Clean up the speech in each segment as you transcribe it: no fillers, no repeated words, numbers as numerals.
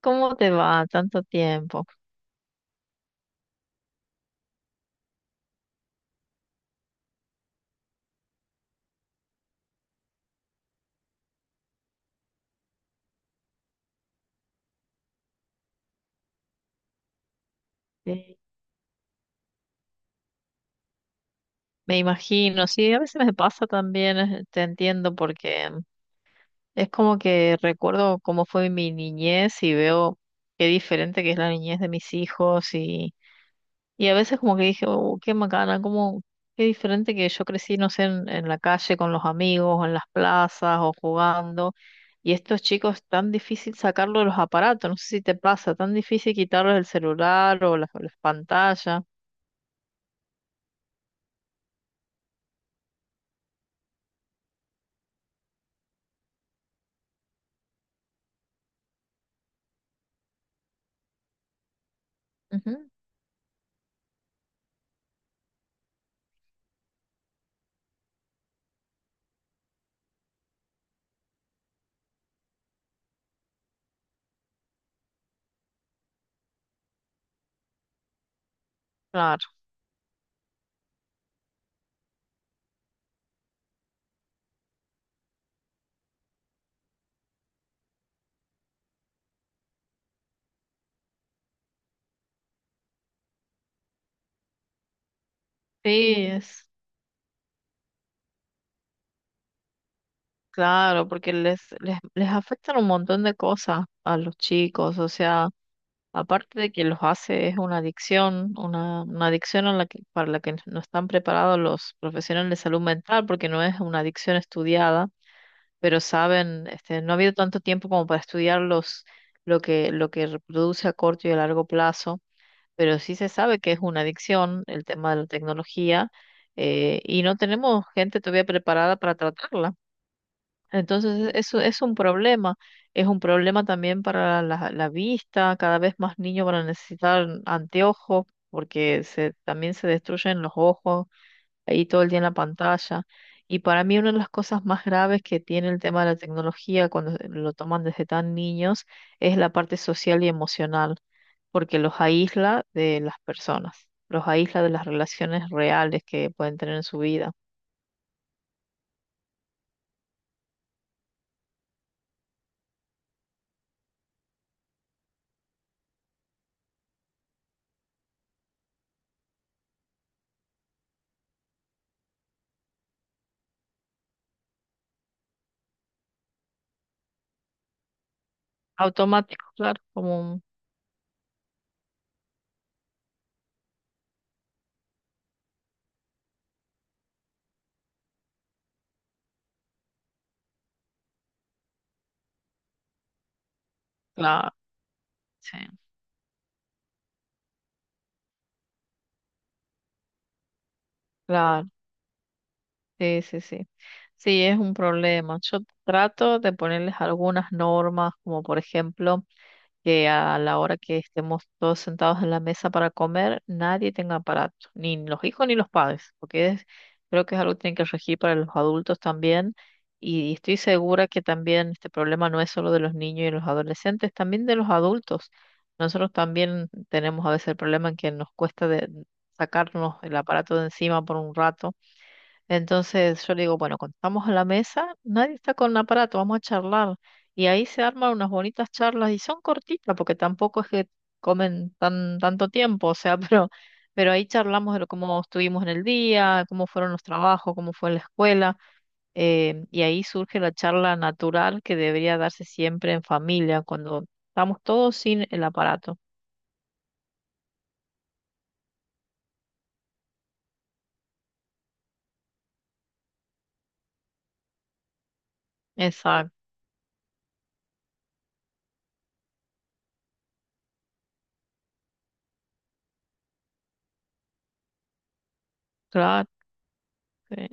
¿Cómo te va? Tanto tiempo. Sí. Me imagino, sí, a veces me pasa también, te entiendo, porque es como que recuerdo cómo fue mi niñez y veo qué diferente que es la niñez de mis hijos y a veces como que dije, oh, qué macana, cómo, qué diferente que yo crecí, no sé, en la calle con los amigos, o en las plazas o jugando. Y estos chicos, tan difícil sacarlo de los aparatos, no sé si te pasa, tan difícil quitarlos el celular o las pantallas. Claro, sí, es claro, porque les afectan un montón de cosas a los chicos, o sea, aparte de que los hace es una adicción, una adicción a la que, para la que no están preparados los profesionales de salud mental, porque no es una adicción estudiada, pero saben, este, no ha habido tanto tiempo como para estudiar los, lo que reproduce a corto y a largo plazo, pero sí se sabe que es una adicción el tema de la tecnología, y no tenemos gente todavía preparada para tratarla. Entonces, eso es un problema. Es un problema también para la vista. Cada vez más niños van a necesitar anteojos porque se, también se destruyen los ojos ahí todo el día en la pantalla. Y para mí una de las cosas más graves que tiene el tema de la tecnología cuando lo toman desde tan niños es la parte social y emocional, porque los aísla de las personas, los aísla de las relaciones reales que pueden tener en su vida. Automático, claro, como un... Claro, sí. Claro. Sí, sí, sí. Sí, es un problema. Yo trato de ponerles algunas normas, como por ejemplo, que a la hora que estemos todos sentados en la mesa para comer, nadie tenga aparato, ni los hijos ni los padres, porque creo que es algo que tienen que regir para los adultos también. Y estoy segura que también este problema no es solo de los niños y los adolescentes, también de los adultos. Nosotros también tenemos a veces el problema en que nos cuesta sacarnos el aparato de encima por un rato. Entonces yo le digo, bueno, cuando estamos a la mesa, nadie está con aparato, vamos a charlar. Y ahí se arman unas bonitas charlas y son cortitas porque tampoco es que comen tanto tiempo, o sea, pero ahí charlamos cómo estuvimos en el día, cómo fueron los trabajos, cómo fue la escuela. Y ahí surge la charla natural que debería darse siempre en familia, cuando estamos todos sin el aparato. Exacto, claro, sí,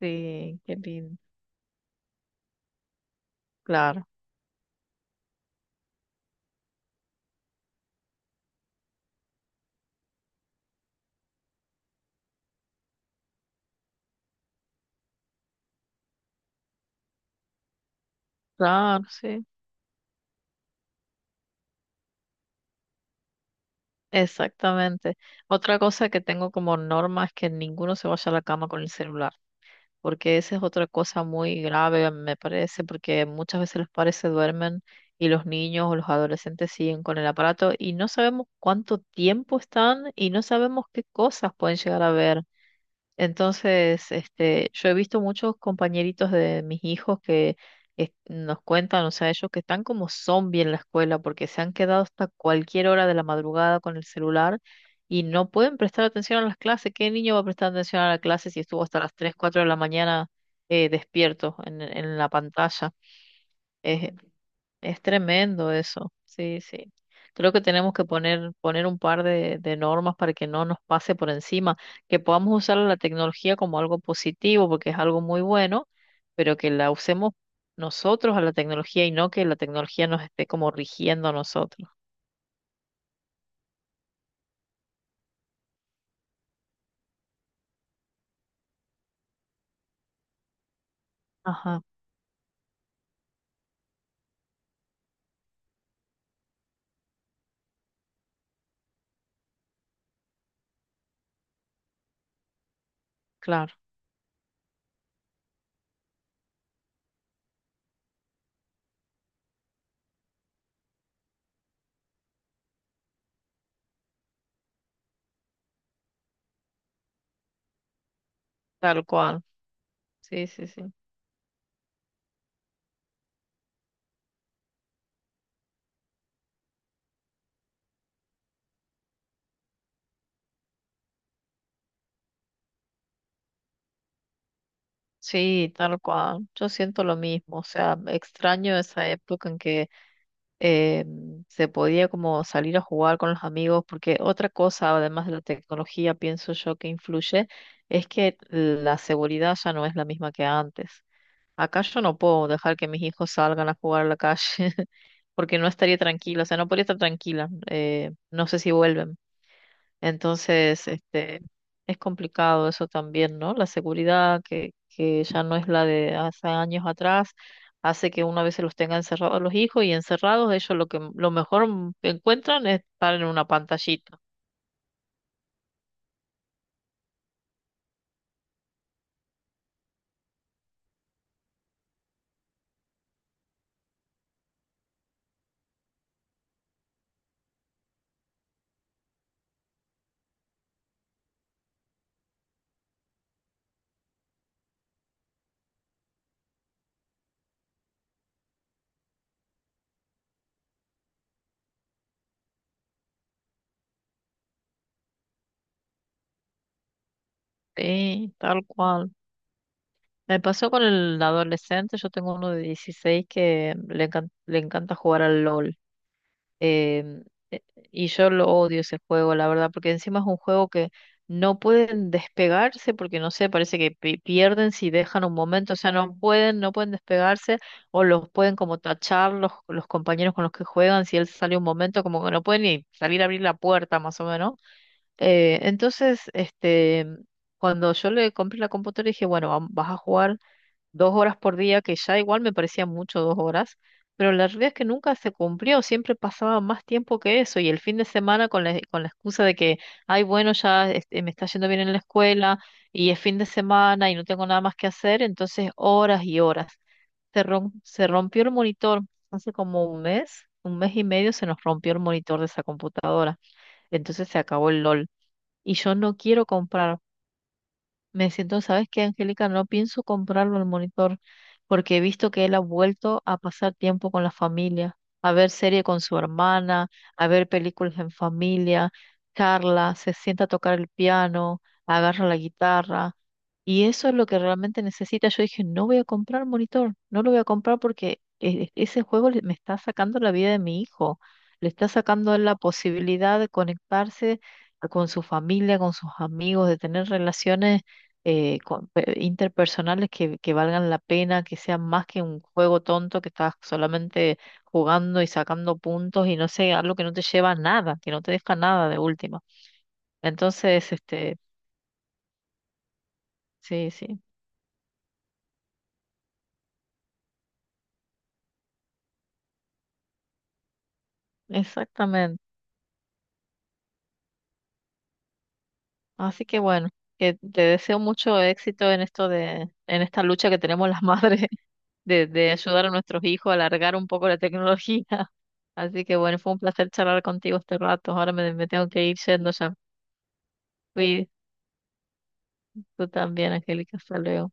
sí, qué lindo, claro, claro, sí. Exactamente. Otra cosa que tengo como norma es que ninguno se vaya a la cama con el celular, porque esa es otra cosa muy grave, me parece, porque muchas veces los padres se duermen y los niños o los adolescentes siguen con el aparato y no sabemos cuánto tiempo están y no sabemos qué cosas pueden llegar a ver. Entonces, este, yo he visto muchos compañeritos de mis hijos que nos cuentan, o sea, ellos que están como zombies en la escuela porque se han quedado hasta cualquier hora de la madrugada con el celular y no pueden prestar atención a las clases. ¿Qué niño va a prestar atención a la clase si estuvo hasta las 3, 4 de la mañana despierto en la pantalla? Es tremendo eso, sí, sí. Creo que tenemos que poner un par de normas para que no nos pase por encima, que podamos usar la tecnología como algo positivo, porque es algo muy bueno, pero que la usemos nosotros a la tecnología y no que la tecnología nos esté como rigiendo a nosotros. Ajá, claro, tal cual. Sí, sí, sí. Sí, tal cual. Yo siento lo mismo, o sea, extraño esa época en que eh, se podía como salir a jugar con los amigos, porque otra cosa, además de la tecnología, pienso yo que influye, es que la seguridad ya no es la misma que antes. Acá yo no puedo dejar que mis hijos salgan a jugar a la calle porque no estaría tranquila, o sea, no podría estar tranquila. No sé si vuelven. Entonces, este, es complicado eso también, ¿no? La seguridad que ya no es la de hace años atrás, hace que una vez se los tenga encerrados a los hijos y encerrados, ellos lo que lo mejor encuentran es estar en una pantallita. Sí, tal cual. Me pasó con el adolescente, yo tengo uno de 16 que le encanta jugar al LOL. Em, e- y yo lo odio ese juego, la verdad, porque encima es un juego que no pueden despegarse porque no sé, parece que pierden si dejan un momento, o sea, no pueden, no pueden despegarse o los pueden como tachar los compañeros con los que juegan si él sale un momento, como que no pueden ni salir a abrir la puerta más o menos. Entonces, este, cuando yo le compré la computadora dije, bueno, vas a jugar 2 horas por día, que ya igual me parecía mucho 2 horas, pero la realidad es que nunca se cumplió, siempre pasaba más tiempo que eso y el fin de semana con con la excusa de que, ay, bueno, ya este, me está yendo bien en la escuela y es fin de semana y no tengo nada más que hacer, entonces horas y horas. Se rompió el monitor hace como un mes y medio se nos rompió el monitor de esa computadora, entonces se acabó el LOL. Y yo no quiero comprar. Me siento, ¿sabes qué, Angélica? No pienso comprarlo el monitor porque he visto que él ha vuelto a pasar tiempo con la familia, a ver serie con su hermana, a ver películas en familia, charla, se sienta a tocar el piano, agarra la guitarra y eso es lo que realmente necesita. Yo dije, no voy a comprar monitor, no lo voy a comprar porque ese juego me está sacando la vida de mi hijo, le está sacando a él la posibilidad de conectarse con su familia, con sus amigos, de tener relaciones interpersonales que valgan la pena, que sean más que un juego tonto que estás solamente jugando y sacando puntos y no sé, algo que no te lleva a nada, que no te deja nada de última. Entonces, este, sí, sí, exactamente. Así que bueno, que te deseo mucho éxito en esto en esta lucha que tenemos las madres de ayudar a nuestros hijos a alargar un poco la tecnología. Así que bueno, fue un placer charlar contigo este rato. Ahora me tengo que ir yendo ya. Cuí- Tú también, Angélica. Hasta luego.